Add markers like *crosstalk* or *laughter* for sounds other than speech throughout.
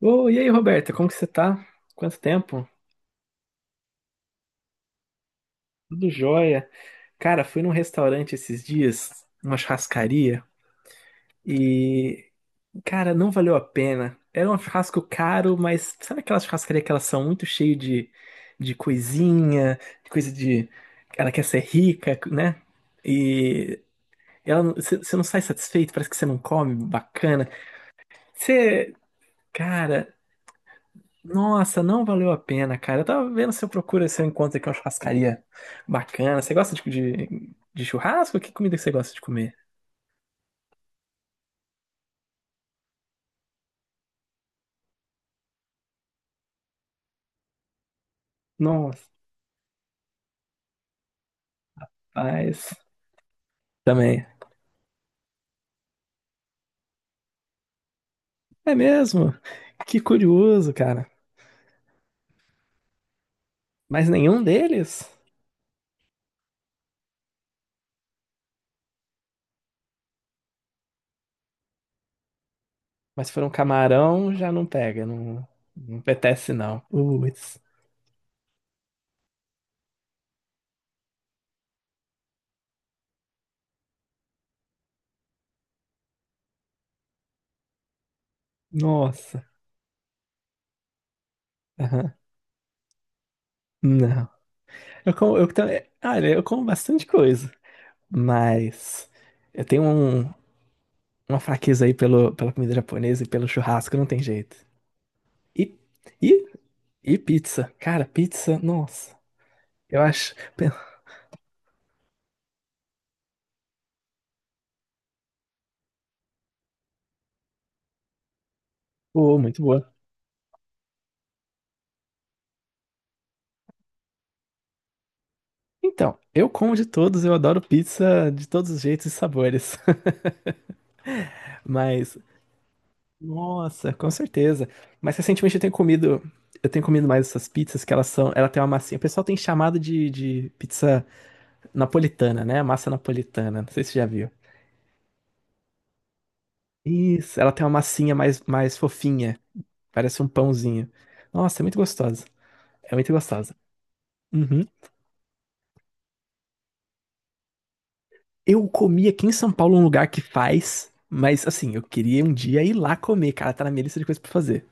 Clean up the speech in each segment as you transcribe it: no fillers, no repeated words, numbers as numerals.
Ô, e aí, Roberta, como que você tá? Quanto tempo? Tudo jóia. Cara, fui num restaurante esses dias, uma churrascaria, e, cara, não valeu a pena. Era um churrasco caro, mas sabe aquelas churrascarias que elas são muito cheias de coisinha, de coisa de. Ela quer ser rica, né? E ela, você não sai satisfeito, parece que você não come bacana. Você. Cara, nossa, não valeu a pena, cara. Eu tava vendo se eu procuro, se eu encontro aqui uma churrascaria bacana. Você gosta de, de churrasco? Que comida que você gosta de comer? Nossa, paz. Também. É mesmo? Que curioso, cara. Mas nenhum deles? Mas se for um camarão, já não pega. Não, não apetece, não. Putz. Nossa. Aham. Não. Eu como, olha, eu como bastante coisa. Mas eu tenho um. Uma fraqueza aí pelo, pela comida japonesa e pelo churrasco, não tem jeito. E, e, e pizza. Cara, pizza, nossa. Eu acho. *laughs* Oh, muito boa. Então, eu como de todos, eu adoro pizza de todos os jeitos e sabores. *laughs* Mas, nossa, com certeza. Mas recentemente eu tenho comido. Eu tenho comido mais essas pizzas que elas são. Ela tem uma massinha. O pessoal tem chamado de pizza napolitana, né? Massa napolitana. Não sei se você já viu. Isso, ela tem uma massinha mais, mais fofinha. Parece um pãozinho. Nossa, é muito gostosa. É muito gostosa. Uhum. Eu comi aqui em São Paulo um lugar que faz, mas assim, eu queria um dia ir lá comer, cara. Tá na minha lista de coisas pra fazer.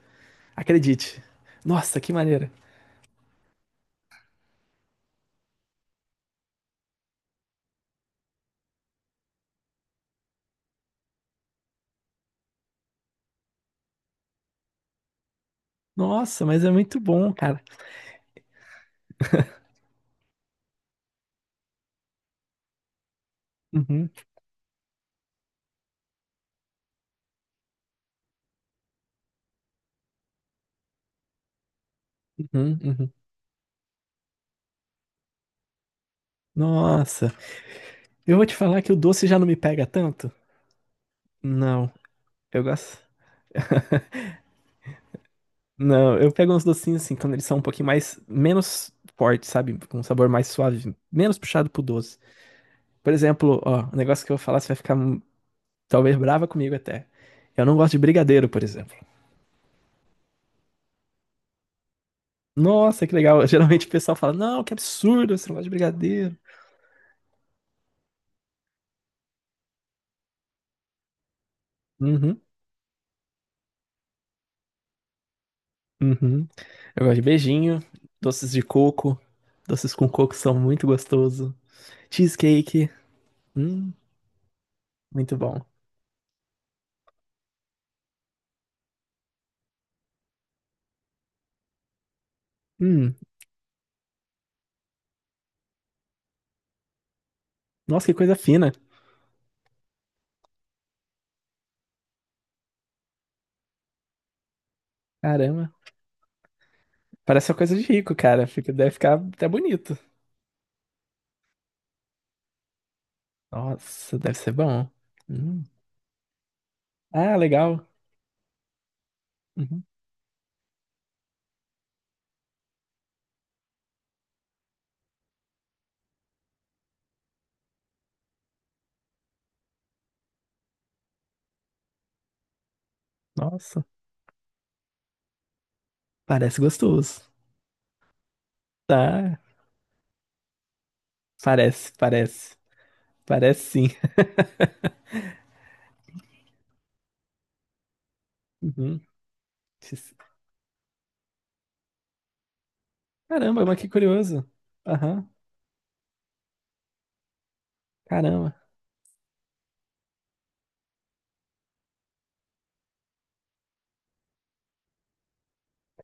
Acredite. Nossa, que maneira. Nossa, mas é muito bom, cara. Uhum, uhum, uhum. Nossa, eu vou te falar que o doce já não me pega tanto. Não, eu gosto. Não, eu pego uns docinhos assim, quando eles são um pouquinho mais, menos fortes, sabe? Com um sabor mais suave, menos puxado pro doce. Por exemplo, ó, o negócio que eu vou falar, você vai ficar talvez brava comigo até. Eu não gosto de brigadeiro, por exemplo. Nossa, que legal. *laughs* Geralmente o pessoal fala: não, que absurdo, você não gosta de brigadeiro. Uhum, uhum. Eu gosto de beijinho, doces de coco. Doces com coco são muito gostoso. Cheesecake. Hum, muito bom. Hum, nossa, que coisa fina. Caramba. Parece uma coisa de rico, cara. Fica, deve ficar até bonito. Nossa, deve ser bom. Hum. Ah, legal. Uhum. Nossa, parece gostoso. Tá, parece, parece. Parece sim. *laughs* Uhum. Caramba, mas que curioso. Aham. Caramba.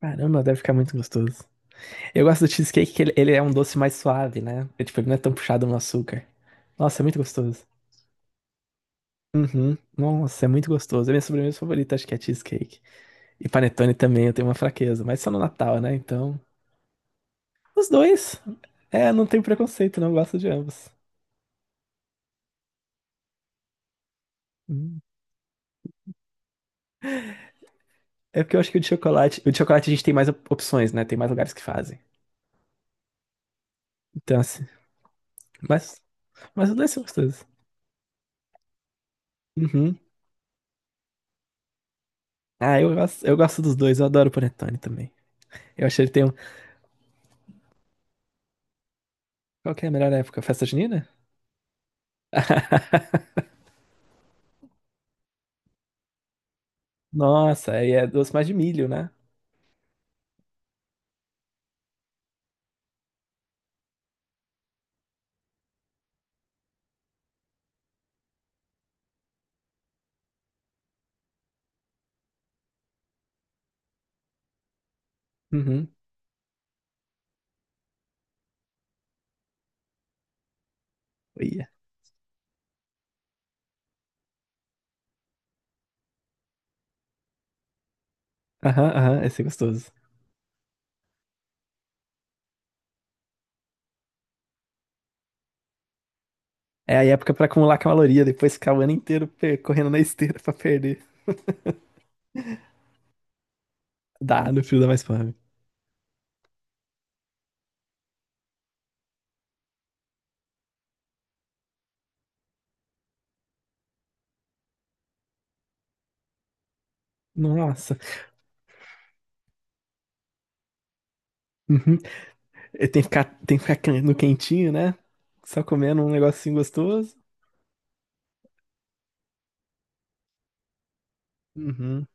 Caramba, deve ficar muito gostoso. Eu gosto do cheesecake que ele é um doce mais suave, né? É, tipo, ele não é tão puxado no açúcar. Nossa, é muito gostoso. Uhum. Nossa, é muito gostoso. É minha sobremesa favorita, acho que é cheesecake. E panetone também, eu tenho uma fraqueza, mas só no Natal, né? Então, os dois. É, não tenho preconceito, não eu gosto de ambos. Hum. É porque eu acho que o de chocolate a gente tem mais opções, né? Tem mais lugares que fazem. Então, assim, mas Mas os dois são gostosos. Uhum. Ah, eu gosto dos dois, eu adoro o panetone também. Eu achei ele tem um. Qual que é a melhor época? Festa junina? Nossa, aí é doce mais de milho, né? Uhum. Ia. Aham, aham, esse é gostoso. É a época pra acumular caloria, depois ficar o ano inteiro correndo na esteira pra perder. Dá, no frio dá mais fome. Nossa. Uhum. E tem que ficar, tem que ficar no quentinho, né? Só comendo um negocinho gostoso. Uhum.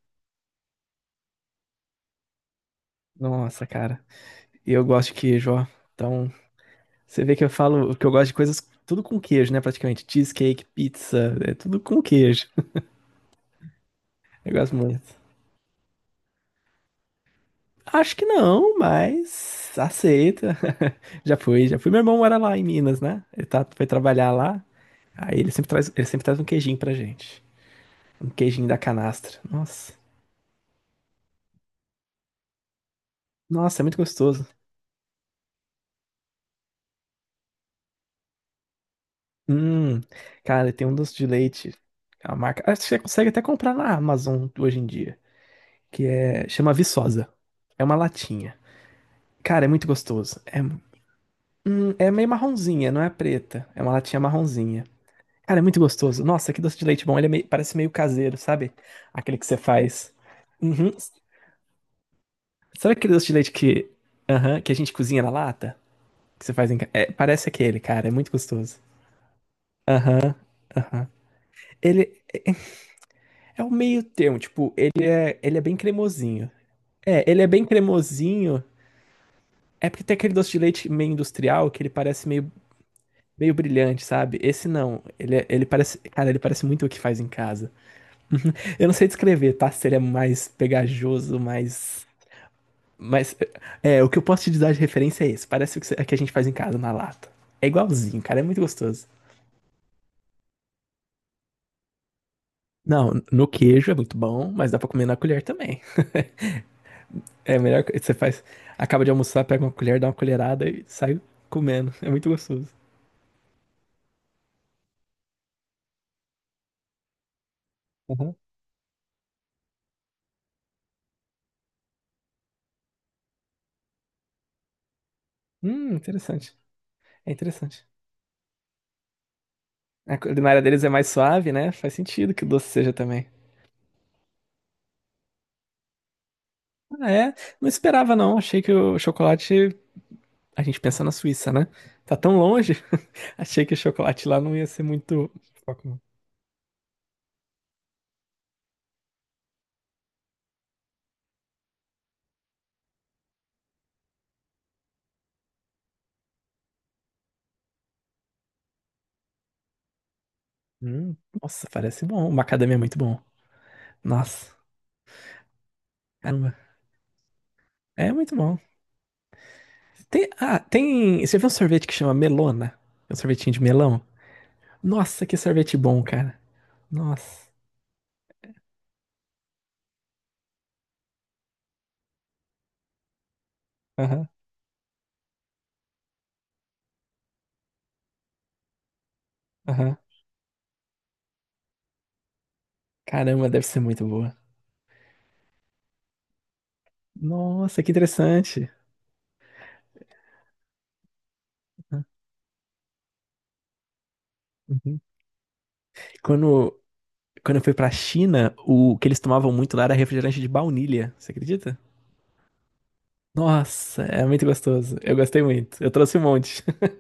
Nossa, cara. E eu gosto de queijo, ó. Então, você vê que eu falo que eu gosto de coisas tudo com queijo, né? Praticamente. Cheesecake, pizza, é tudo com queijo. *laughs* Eu gosto muito. Acho que não, mas aceita. *laughs* Já fui, já fui. Meu irmão mora lá em Minas, né? Ele tá, foi trabalhar lá. Aí ele sempre traz um queijinho pra gente. Um queijinho da canastra. Nossa. Nossa, é muito gostoso. Hum, cara, tem um doce de leite. A marca. Acho que você consegue até comprar na Amazon hoje em dia. Que é. Chama Viçosa. É uma latinha. Cara, é muito gostoso. É, hum, é meio marronzinha, não é preta. É uma latinha marronzinha. Cara, é muito gostoso. Nossa, que doce de leite bom. Ele é parece meio caseiro, sabe? Aquele que você faz. Uhum. Sabe aquele doce de leite que, aham, que a gente cozinha na lata? Que você faz em casa? Parece aquele, cara. É muito gostoso. Aham, aham. Ele é o meio termo, tipo, ele é bem cremosinho. É, ele é bem cremosinho. É porque tem aquele doce de leite meio industrial que ele parece meio, meio brilhante, sabe? Esse não. Ele parece, cara, ele parece muito o que faz em casa. Eu não sei descrever, tá? Seria mais pegajoso, mais. Mas é, o que eu posso te dar de referência é esse. Parece o que a que a gente faz em casa, na lata. É igualzinho, cara, é muito gostoso. Não, no queijo é muito bom, mas dá pra comer na colher também. É a melhor que você faz. Acaba de almoçar, pega uma colher, dá uma colherada e sai comendo. É muito gostoso. Uhum. Interessante. É interessante. A culinária deles é mais suave, né? Faz sentido que o doce seja também. Ah, é? Não esperava, não. Achei que o chocolate a gente pensa na Suíça, né? Tá tão longe. *laughs* Achei que o chocolate lá não ia ser muito. Foco, não. Hum, nossa, parece bom. O macadamia é muito bom. Nossa, caramba. É muito bom. Tem, ah, tem. Você viu um sorvete que chama melona? É um sorvetinho de melão? Nossa, que sorvete bom, cara. Nossa. Aham, aham. Caramba, deve ser muito boa. Nossa, que interessante. Uhum. Quando, quando eu fui pra China, o que eles tomavam muito lá era refrigerante de baunilha. Você acredita? Nossa, é muito gostoso. Eu gostei muito. Eu trouxe um monte. *laughs*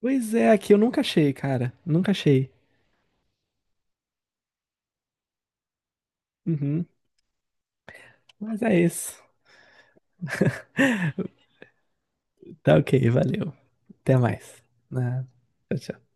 Pois é, aqui eu nunca achei, cara. Nunca achei. Uhum. Mas é isso. Tá ok, valeu. Até mais. Né? Tchau, tchau.